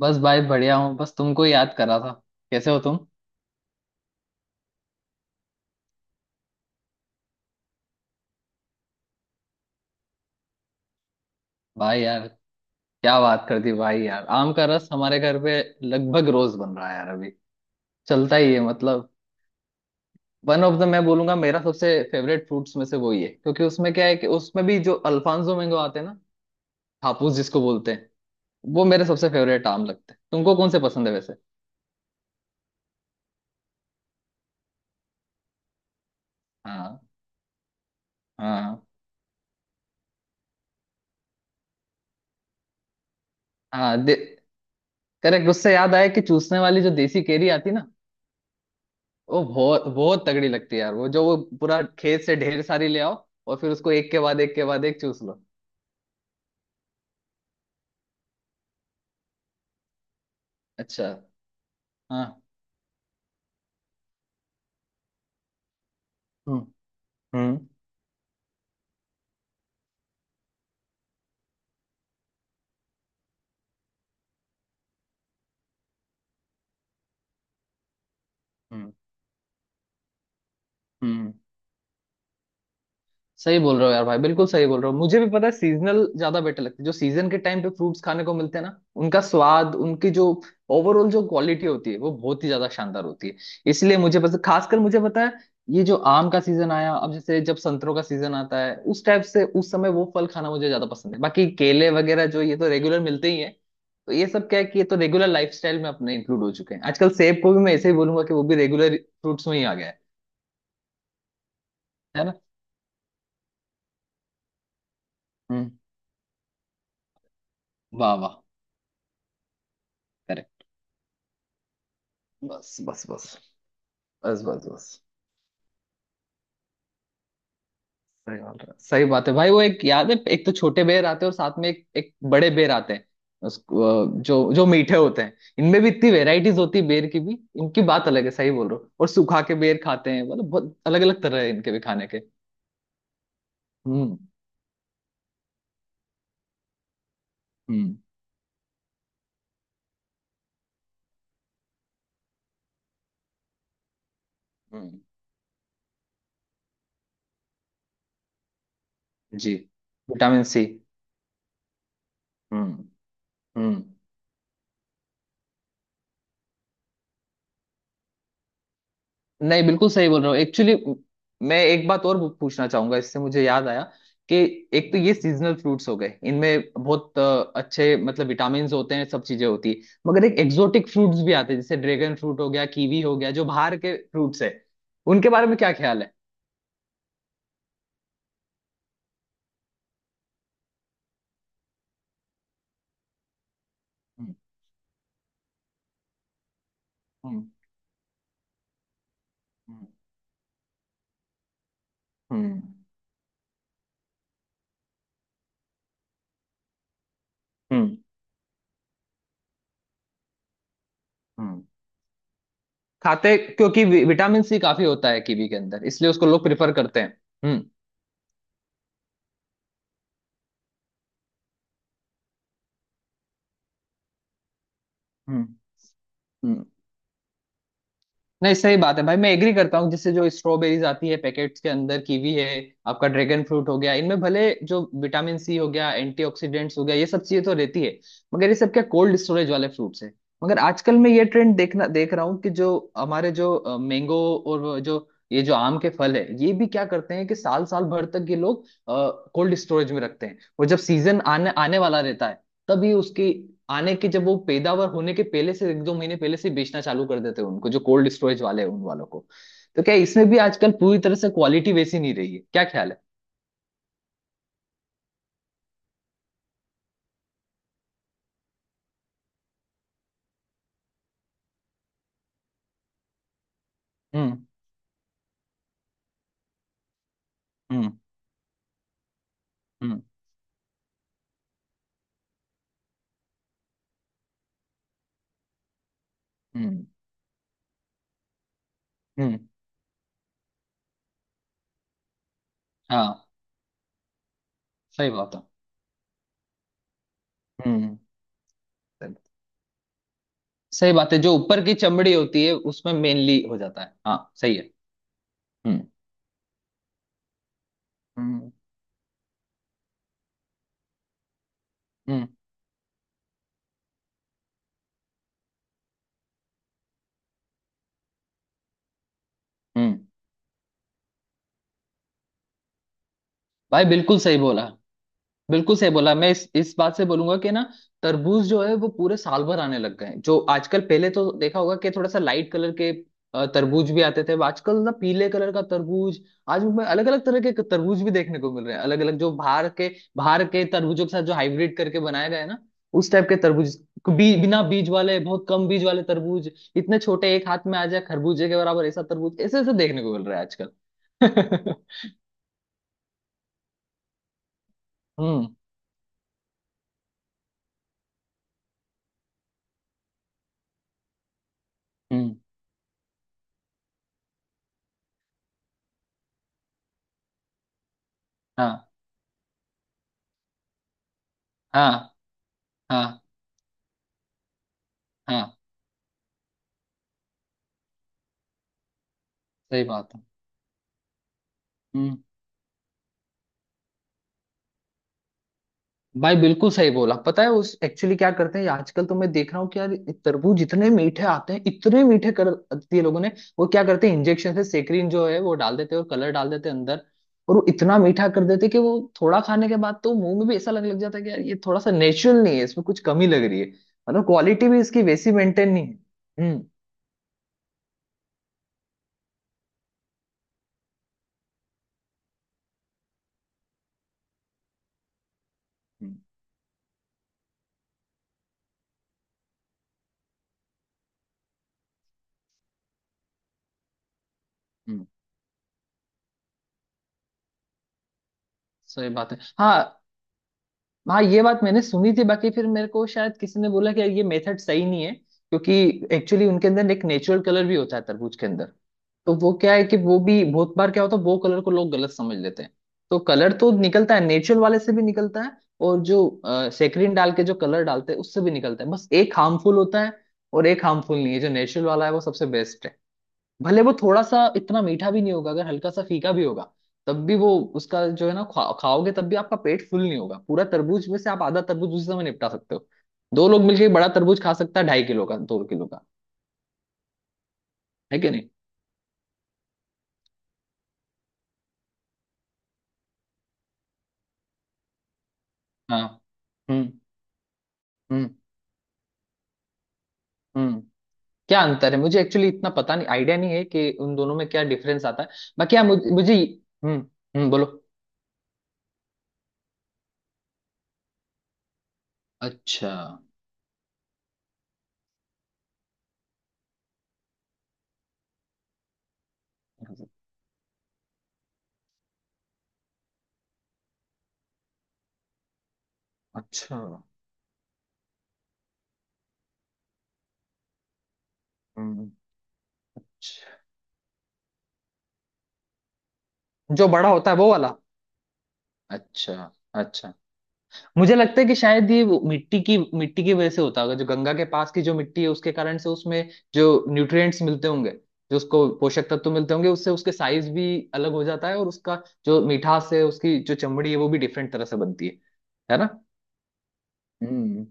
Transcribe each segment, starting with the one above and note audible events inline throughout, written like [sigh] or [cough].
बस भाई बढ़िया हूँ। बस तुमको याद करा था। कैसे हो तुम? भाई यार, क्या बात कर दी भाई यार। आम का रस हमारे घर पे लगभग रोज बन रहा है यार अभी। चलता ही है मतलब। वन ऑफ द मैं बोलूंगा मेरा सबसे फेवरेट फ्रूट्स में से वही है, क्योंकि उसमें क्या है कि उसमें भी जो अल्फांसो मैंगो आते हैं ना, हापुस जिसको बोलते हैं, वो मेरे सबसे फेवरेट आम लगते हैं। तुमको कौन से पसंद है वैसे? हाँ। हाँ। हाँ। करेक्ट। उससे याद आया कि चूसने वाली जो देसी केरी आती ना, वो बहुत बहुत तगड़ी लगती है यार। वो जो वो पूरा खेत से ढेर सारी ले आओ और फिर उसको एक के बाद एक के बाद एक चूस लो। अच्छा। हाँ। हम्म। हम्म। हम्म। हम्म। सही बोल रहे हो यार भाई, बिल्कुल सही बोल रहे हो। मुझे भी पता है सीजनल ज्यादा बेटर लगते हैं। जो सीजन के टाइम पे फ्रूट्स खाने को मिलते हैं ना, उनका स्वाद, उनकी जो ओवरऑल जो क्वालिटी होती है, वो बहुत ही ज्यादा शानदार होती है। इसलिए मुझे पसंद, खासकर मुझे पता है ये जो आम का सीजन आया, अब जैसे जब संतरों का सीजन आता है, उस टाइप से उस समय वो फल खाना मुझे ज्यादा पसंद है। बाकी केले वगैरह जो ये तो रेगुलर मिलते ही है, तो ये सब क्या है कि ये तो रेगुलर लाइफस्टाइल में अपने इंक्लूड हो चुके हैं। आजकल सेब को भी मैं ऐसे ही बोलूंगा कि वो भी रेगुलर फ्रूट्स में ही आ गया है। है ना? हम्म। वाह वाह। correct। बस बस बस। बस बस बस। सही बात है, सही बात है भाई। वो एक याद है, एक तो छोटे बेर आते हैं और साथ में एक एक बड़े बेर आते हैं, उसको जो जो मीठे होते हैं। इनमें भी इतनी वेराइटीज होती है, बेर की भी इनकी बात अलग है। सही बोल रहे हो। और सूखा के बेर खाते हैं मतलब, बहुत अलग अलग तरह है इनके भी खाने के। हम्म। हम्म। हम्म। जी। Vitamin C. हम्म। हम्म। नहीं, बिल्कुल सही बोल रहे हो। एक्चुअली मैं एक बात और पूछना चाहूंगा, इससे मुझे याद आया कि एक तो ये सीजनल फ्रूट्स हो गए, इनमें बहुत अच्छे मतलब विटामिन होते हैं, सब चीजें होती है। मगर एक एक्सोटिक फ्रूट्स भी आते हैं, जैसे ड्रैगन फ्रूट हो गया, कीवी हो गया, जो बाहर के फ्रूट्स है, उनके बारे में क्या ख्याल है? हम्म। हम्म। हम्म। हम्म। हम्म। हम्म। खाते क्योंकि विटामिन सी काफी होता है कीवी के अंदर, इसलिए उसको लोग प्रिफर करते हैं। हम्म। हम्म। नहीं, सही बात है भाई। मैं एग्री करता हूँ, जिससे जो स्ट्रॉबेरीज आती है पैकेट्स के अंदर, कीवी है, आपका ड्रैगन फ्रूट हो गया, इनमें भले जो विटामिन सी हो गया, एंटीऑक्सीडेंट्स हो गया, ये सब चीजें तो रहती है, मगर ये सब क्या कोल्ड स्टोरेज वाले फ्रूट्स है। मगर आजकल मैं ये ट्रेंड देख रहा हूँ कि जो हमारे जो मैंगो और वो जो ये जो आम के फल है, ये भी क्या करते हैं कि साल साल भर तक ये लोग कोल्ड स्टोरेज में रखते हैं, और जब सीजन आने आने वाला रहता है तभी उसकी आने की, जब वो पैदावार होने के पहले से 1-2 महीने पहले से बेचना चालू कर देते हैं उनको, जो कोल्ड स्टोरेज वाले हैं उन वालों को। तो क्या इसमें भी आजकल पूरी तरह से क्वालिटी वैसी नहीं रही है? क्या ख्याल है? हम्म। हम्म। हम्म। हम्म। हम्म। हाँ। सही बात है। हम्म। सही। सही बात है, जो ऊपर की चमड़ी होती है उसमें मेनली हो जाता है। हाँ, सही है। हम्म। हम्म। हम्म। हम्म। भाई बिल्कुल सही बोला। बिल्कुल सही बोला। मैं इस बात से बोलूंगा कि ना, तरबूज जो है वो पूरे साल भर आने लग गए हैं जो आजकल। पहले तो देखा होगा कि थोड़ा सा लाइट कलर के तरबूज भी आते थे, अब आजकल ना, पीले कलर का तरबूज, आज मैं अलग अलग तरह के तरबूज भी देखने को मिल रहे हैं, अलग अलग जो बाहर के, बाहर के तरबूजों के साथ जो हाइब्रिड करके बनाए गए हैं ना, उस टाइप के तरबूज। बिना बीज वाले, बहुत कम बीज वाले तरबूज, इतने छोटे, एक हाथ में आ जाए, खरबूजे के बराबर ऐसा तरबूज, ऐसे ऐसे देखने को मिल रहा है आजकल। [laughs] हम्म। हम्म। हाँ। हाँ। हाँ। हाँ, सही बात है। हम्म। भाई बिल्कुल सही बोला। पता है, उस एक्चुअली क्या करते हैं आजकल, तो मैं देख रहा हूँ कि यार, तरबूज इतने मीठे आते हैं, इतने मीठे कर दिए लोगों ने। वो क्या करते हैं, इंजेक्शन से सेक्रीन जो है वो डाल देते हैं, और कलर डाल देते हैं अंदर, और वो इतना मीठा कर देते हैं कि वो थोड़ा खाने के बाद तो मुंह में भी ऐसा लगने लग जाता है कि यार, ये थोड़ा सा नेचुरल नहीं है, इसमें कुछ कमी लग रही है। मतलब क्वालिटी भी इसकी वैसी मेंटेन नहीं है। हम्म। हम्म। हम्म, सही बात है। हाँ। हाँ, ये बात मैंने सुनी थी। बाकी फिर मेरे को शायद किसी ने बोला कि यार, ये मेथड सही नहीं है, क्योंकि एक्चुअली उनके अंदर एक नेचुरल कलर भी होता है तरबूज के अंदर, तो वो क्या है कि वो भी बहुत बार क्या होता है, वो कलर को लोग गलत समझ लेते हैं। तो कलर तो निकलता है, नेचुरल वाले से भी निकलता है और जो सेक्रिन डाल के जो कलर डालते हैं उससे भी निकलता है, बस एक हार्मफुल होता है और एक हार्मफुल नहीं है। जो नेचुरल वाला है वो सबसे बेस्ट है, भले वो थोड़ा सा इतना मीठा भी नहीं होगा, अगर हल्का सा फीका भी होगा, तब भी वो, उसका जो है ना, खाओगे तब भी आपका पेट फुल नहीं होगा, पूरा तरबूज में से आप आधा तरबूज उसी समय निपटा सकते हो, दो लोग मिलके एक बड़ा तरबूज खा सकता है, 2.5 किलो का 2 किलो का है कि नहीं? हाँ। हम्म। हम्म। हम्म। क्या अंतर है मुझे एक्चुअली इतना पता नहीं, आइडिया नहीं है कि उन दोनों में क्या डिफरेंस आता है। बाकी हाँ, मुझे, हम्म, हम्म, बोलो। अच्छा, अच्छा। हम्म। अच्छा। जो बड़ा होता है वो वाला? अच्छा। अच्छा। मुझे लगता है कि शायद ये वो मिट्टी की, वजह से होता होगा। जो गंगा के पास की जो मिट्टी है, उसके कारण से उसमें जो न्यूट्रिएंट्स मिलते होंगे, जो उसको पोषक तत्व मिलते होंगे, उससे उसके साइज भी अलग हो जाता है और उसका जो मिठास है, उसकी जो चमड़ी है, वो भी डिफरेंट तरह से बनती है। है ना? हम्म।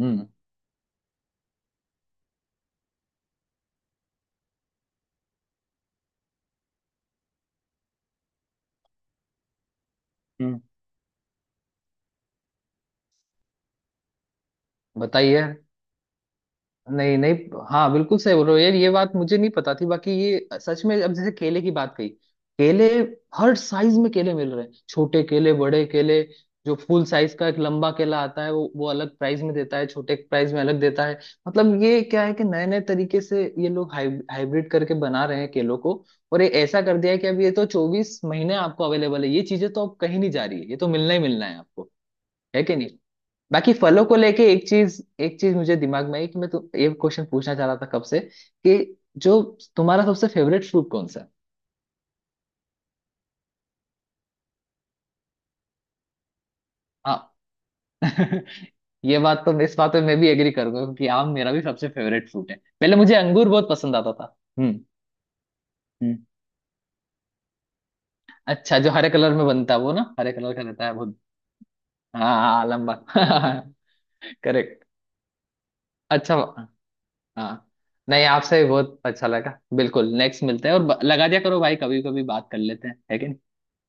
हम्म। हम्म। बताइए। नहीं नहीं। हाँ, बिल्कुल सही बोल रहे हो यार। ये बात मुझे नहीं पता थी। बाकी ये सच में, अब जैसे केले की बात कही, केले, हर साइज में केले मिल रहे हैं, छोटे केले, बड़े केले, जो फुल साइज का एक लंबा केला आता है वो अलग प्राइस में देता है, छोटे प्राइस में अलग देता है। मतलब ये क्या है कि नए नए तरीके से ये लोग हाइब्रिड करके बना रहे हैं केलों को। और ये ऐसा कर दिया है कि अब ये तो 24 महीने आपको अवेलेबल है, ये चीजें तो अब कहीं नहीं जा रही है, ये तो मिलना ही मिलना है आपको। है कि नहीं? बाकी फलों को लेके एक चीज, मुझे दिमाग में आई। कि मैं तो ये क्वेश्चन पूछना चाह रहा था कब से कि जो तुम्हारा सबसे फेवरेट फ्रूट कौन सा है? हाँ। [laughs] ये बात तो, इस बात पे मैं भी एग्री करूंगा, क्योंकि आम मेरा भी सबसे फेवरेट फ्रूट है। पहले मुझे अंगूर बहुत पसंद आता था। हम्म। हम्म। अच्छा, जो हरे कलर में बनता है वो ना, हरे कलर का रहता है बहुत? हाँ हाँ, हाँ, लंबा। [laughs] करेक्ट। अच्छा। हाँ। नहीं, आपसे भी बहुत अच्छा लगा बिल्कुल। नेक्स्ट मिलते हैं। और लगा दिया करो भाई, कभी कभी बात कर लेते हैं। है कि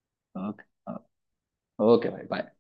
नहीं? ओके। ओके भाई, बाय।